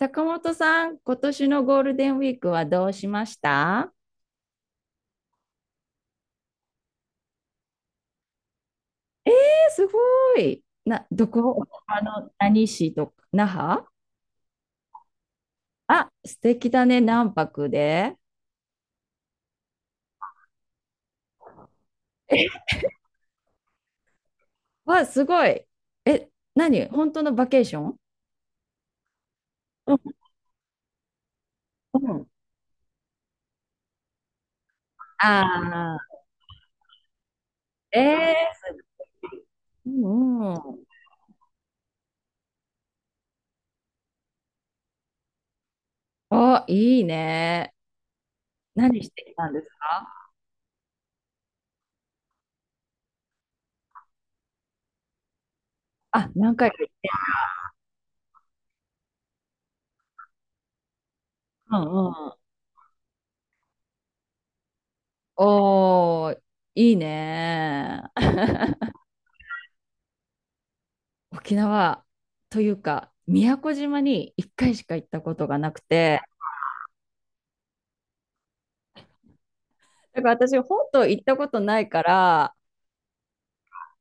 坂本さん、今年のゴールデンウィークはどうしました？え、すごい。どこ何市とか、那覇？あ、素敵だね、何泊で？わ、すごい。え、何、本当のバケーション？うんうん。ああ、うんうん。お、いいね。何してきたんですか？あ、何回か。うんうん。おー、いいね。沖縄というか、宮古島に1回しか行ったことがなくて、だから私、本島行ったことないから、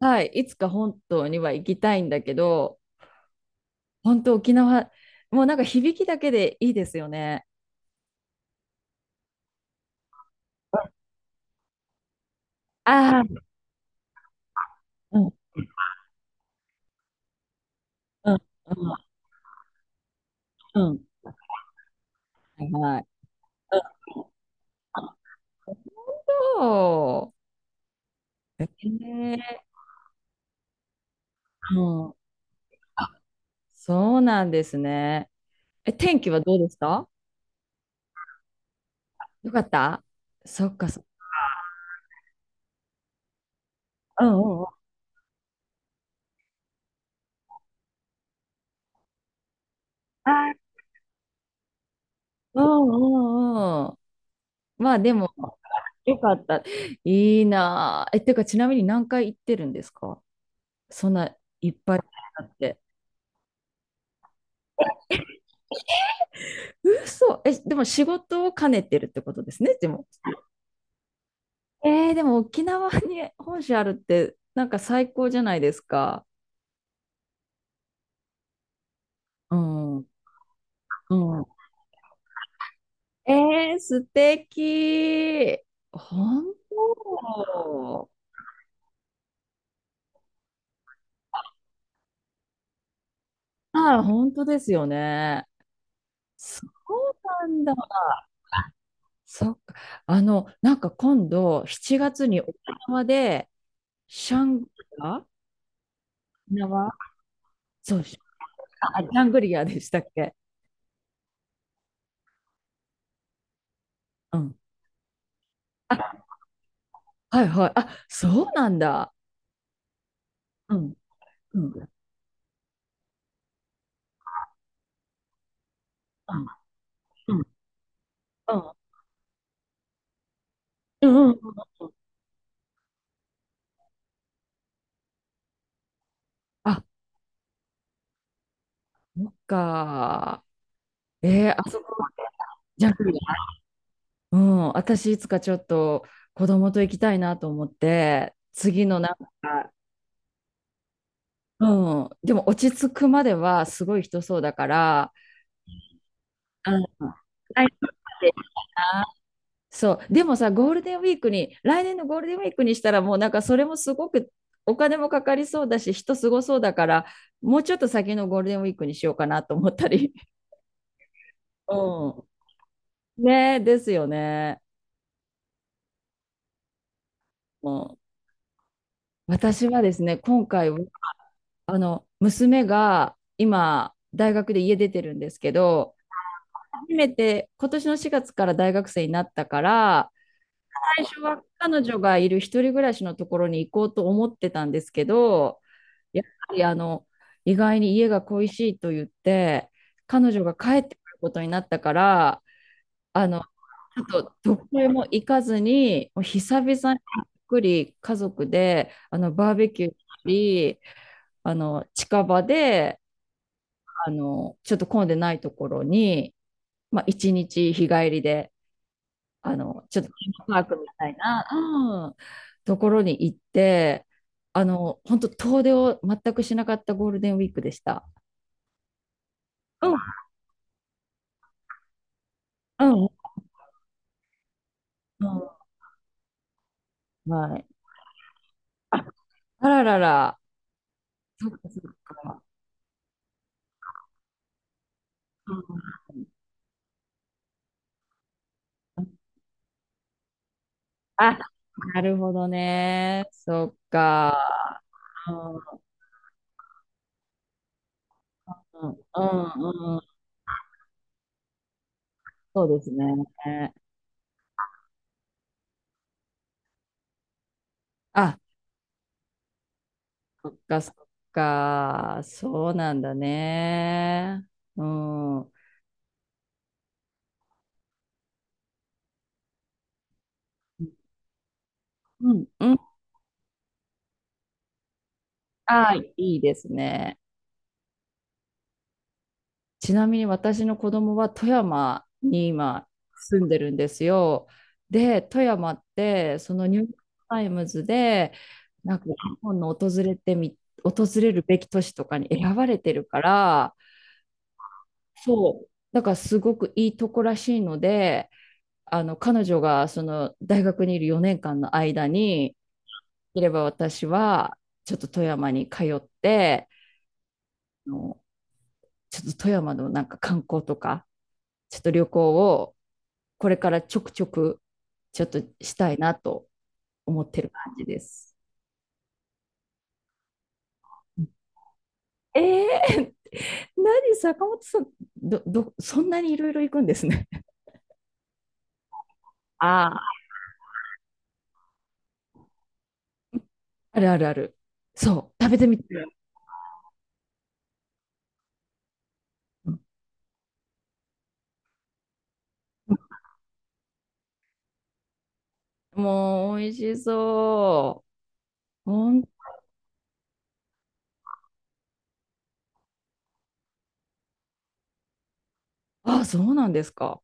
はい、いつか本島には行きたいんだけど、本当沖縄、もうなんか響きだけでいいですよね。ああ、うん、うん、うん、うん、はいはい。そう。うん。あ、そうなんですね。え、天気はどうですか？よかった。そっかそっか。うんうんうん。あ、うんうんうん。まあでも、よかった。いいなぁ。え、てか、ちなみに何回行ってるんですか？そんないっぱいあって。嘘。え、でも仕事を兼ねてるってことですね、でも。えー、でも沖縄に本社あるって、なんか最高じゃないですか。うん。うん。えー、素敵。本当。ああ、本当ですよね。そうなんだ。そっか。なんか今度、7月に沖縄で、シャングリラ沖縄、そうし、シあシャングリラでしたっけ？うん。あ、はいはい。あ、そうなんだ。うん、うん、うん、うん、うん、うん。あ、そっか。えー、あそこ、ジャングリラ。うん、私いつかちょっと子供と行きたいなと思って、次のなんか、うん、でも落ち着くまではすごい人そうだから、うん。はい、でな。そう、でもさ、ゴールデンウィークに、来年のゴールデンウィークにしたら、もうなんかそれもすごくお金もかかりそうだし、人すごそうだから、もうちょっと先のゴールデンウィークにしようかなと思ったり。うん。ねえ、ですよね。うん。私はですね、今回は、娘が今、大学で家出てるんですけど、初めて今年の4月から大学生になったから、最初は彼女がいる一人暮らしのところに行こうと思ってたんですけど、やっぱり意外に家が恋しいと言って、彼女が帰ってくることになったから、あのちょっとどこへも行かずに、もう久々にゆっくり家族でバーベキューしたり、近場でちょっと混んでないところに、まあ、一日日帰りで。ちょっとテーマパークみたいな、うん、ところに行って、本当遠出を全くしなかったゴールデンウィークでした。うん、うん、うん、はい。あららら、そっかそっか。うん、あ、なるほどね。そっか。うん、うん、うん、うん、そうですね。あ、そっかそっか。そうなんだね。うん。うん、うん。ああ、いいですね。ちなみに私の子供は富山に今住んでるんですよ。で、富山ってそのニューヨークタイムズでなんか日本の訪れるべき都市とかに選ばれてるから、そう、だからすごくいいとこらしいので、彼女がその大学にいる4年間の間に、いれば私はちょっと富山に通って、あのちょっと富山のなんか観光とか、ちょっと旅行をこれからちょくちょくちょっとしたいなと思ってる感じです。えー、何、坂本さん、そんなにいろいろ行くんですね。ああ、あるあるある。そう、食べてみて。うん、もう、美味しそう。あ、そうなんですか。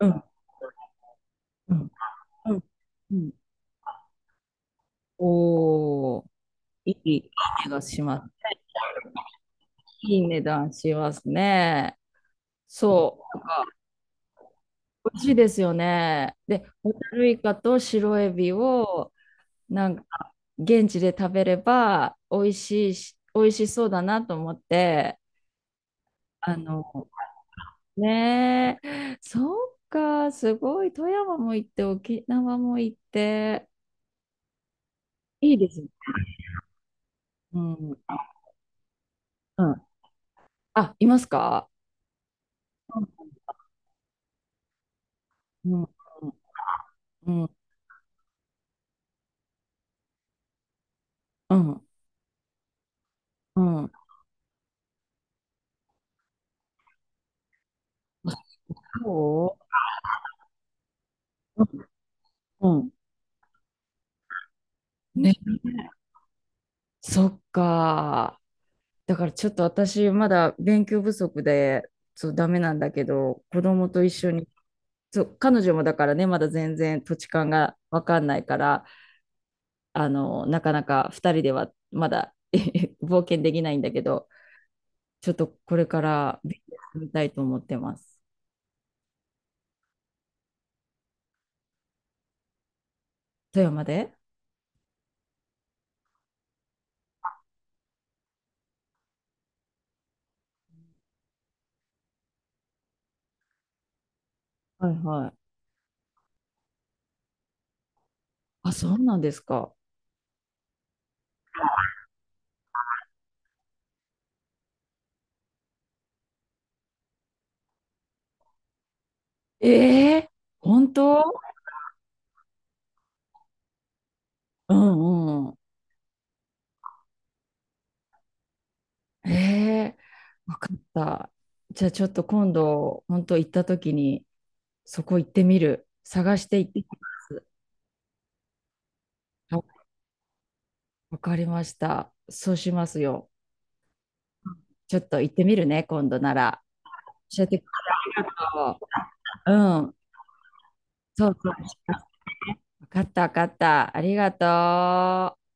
うん、うん、うん、うん。おー、いい、いい値がします。いい値段しますね。そう。美味しいですよね。で、ホタルイカと白エビをなんか現地で食べれば美味しいし、美味しそうだなと思って、あの、ねえ、そうか、すごい、富山も行って、沖縄も行って、いいですね。うん。うん。あ、いますか？うん。うん。うん。うん。うん、そう、うん。ね。そっか。だからちょっと私まだ勉強不足でそうダメなんだけど子供と一緒にそう彼女もだからねまだ全然土地勘が分かんないからなかなか2人ではまだ 冒険できないんだけどちょっとこれから勉強してみたいと思ってます。富山で？はいはい。あ、そうなんですか。ええ、本当？うんうん。ええ、わかった。じゃあちょっと今度本当行った時にそこ行ってみる。探して行ってみます。あ、わかりました。そうしますよ。ちょっと行ってみるね、今度なら。教えてくれよ。うん。そうそう。わかった、わかった。ありがとう。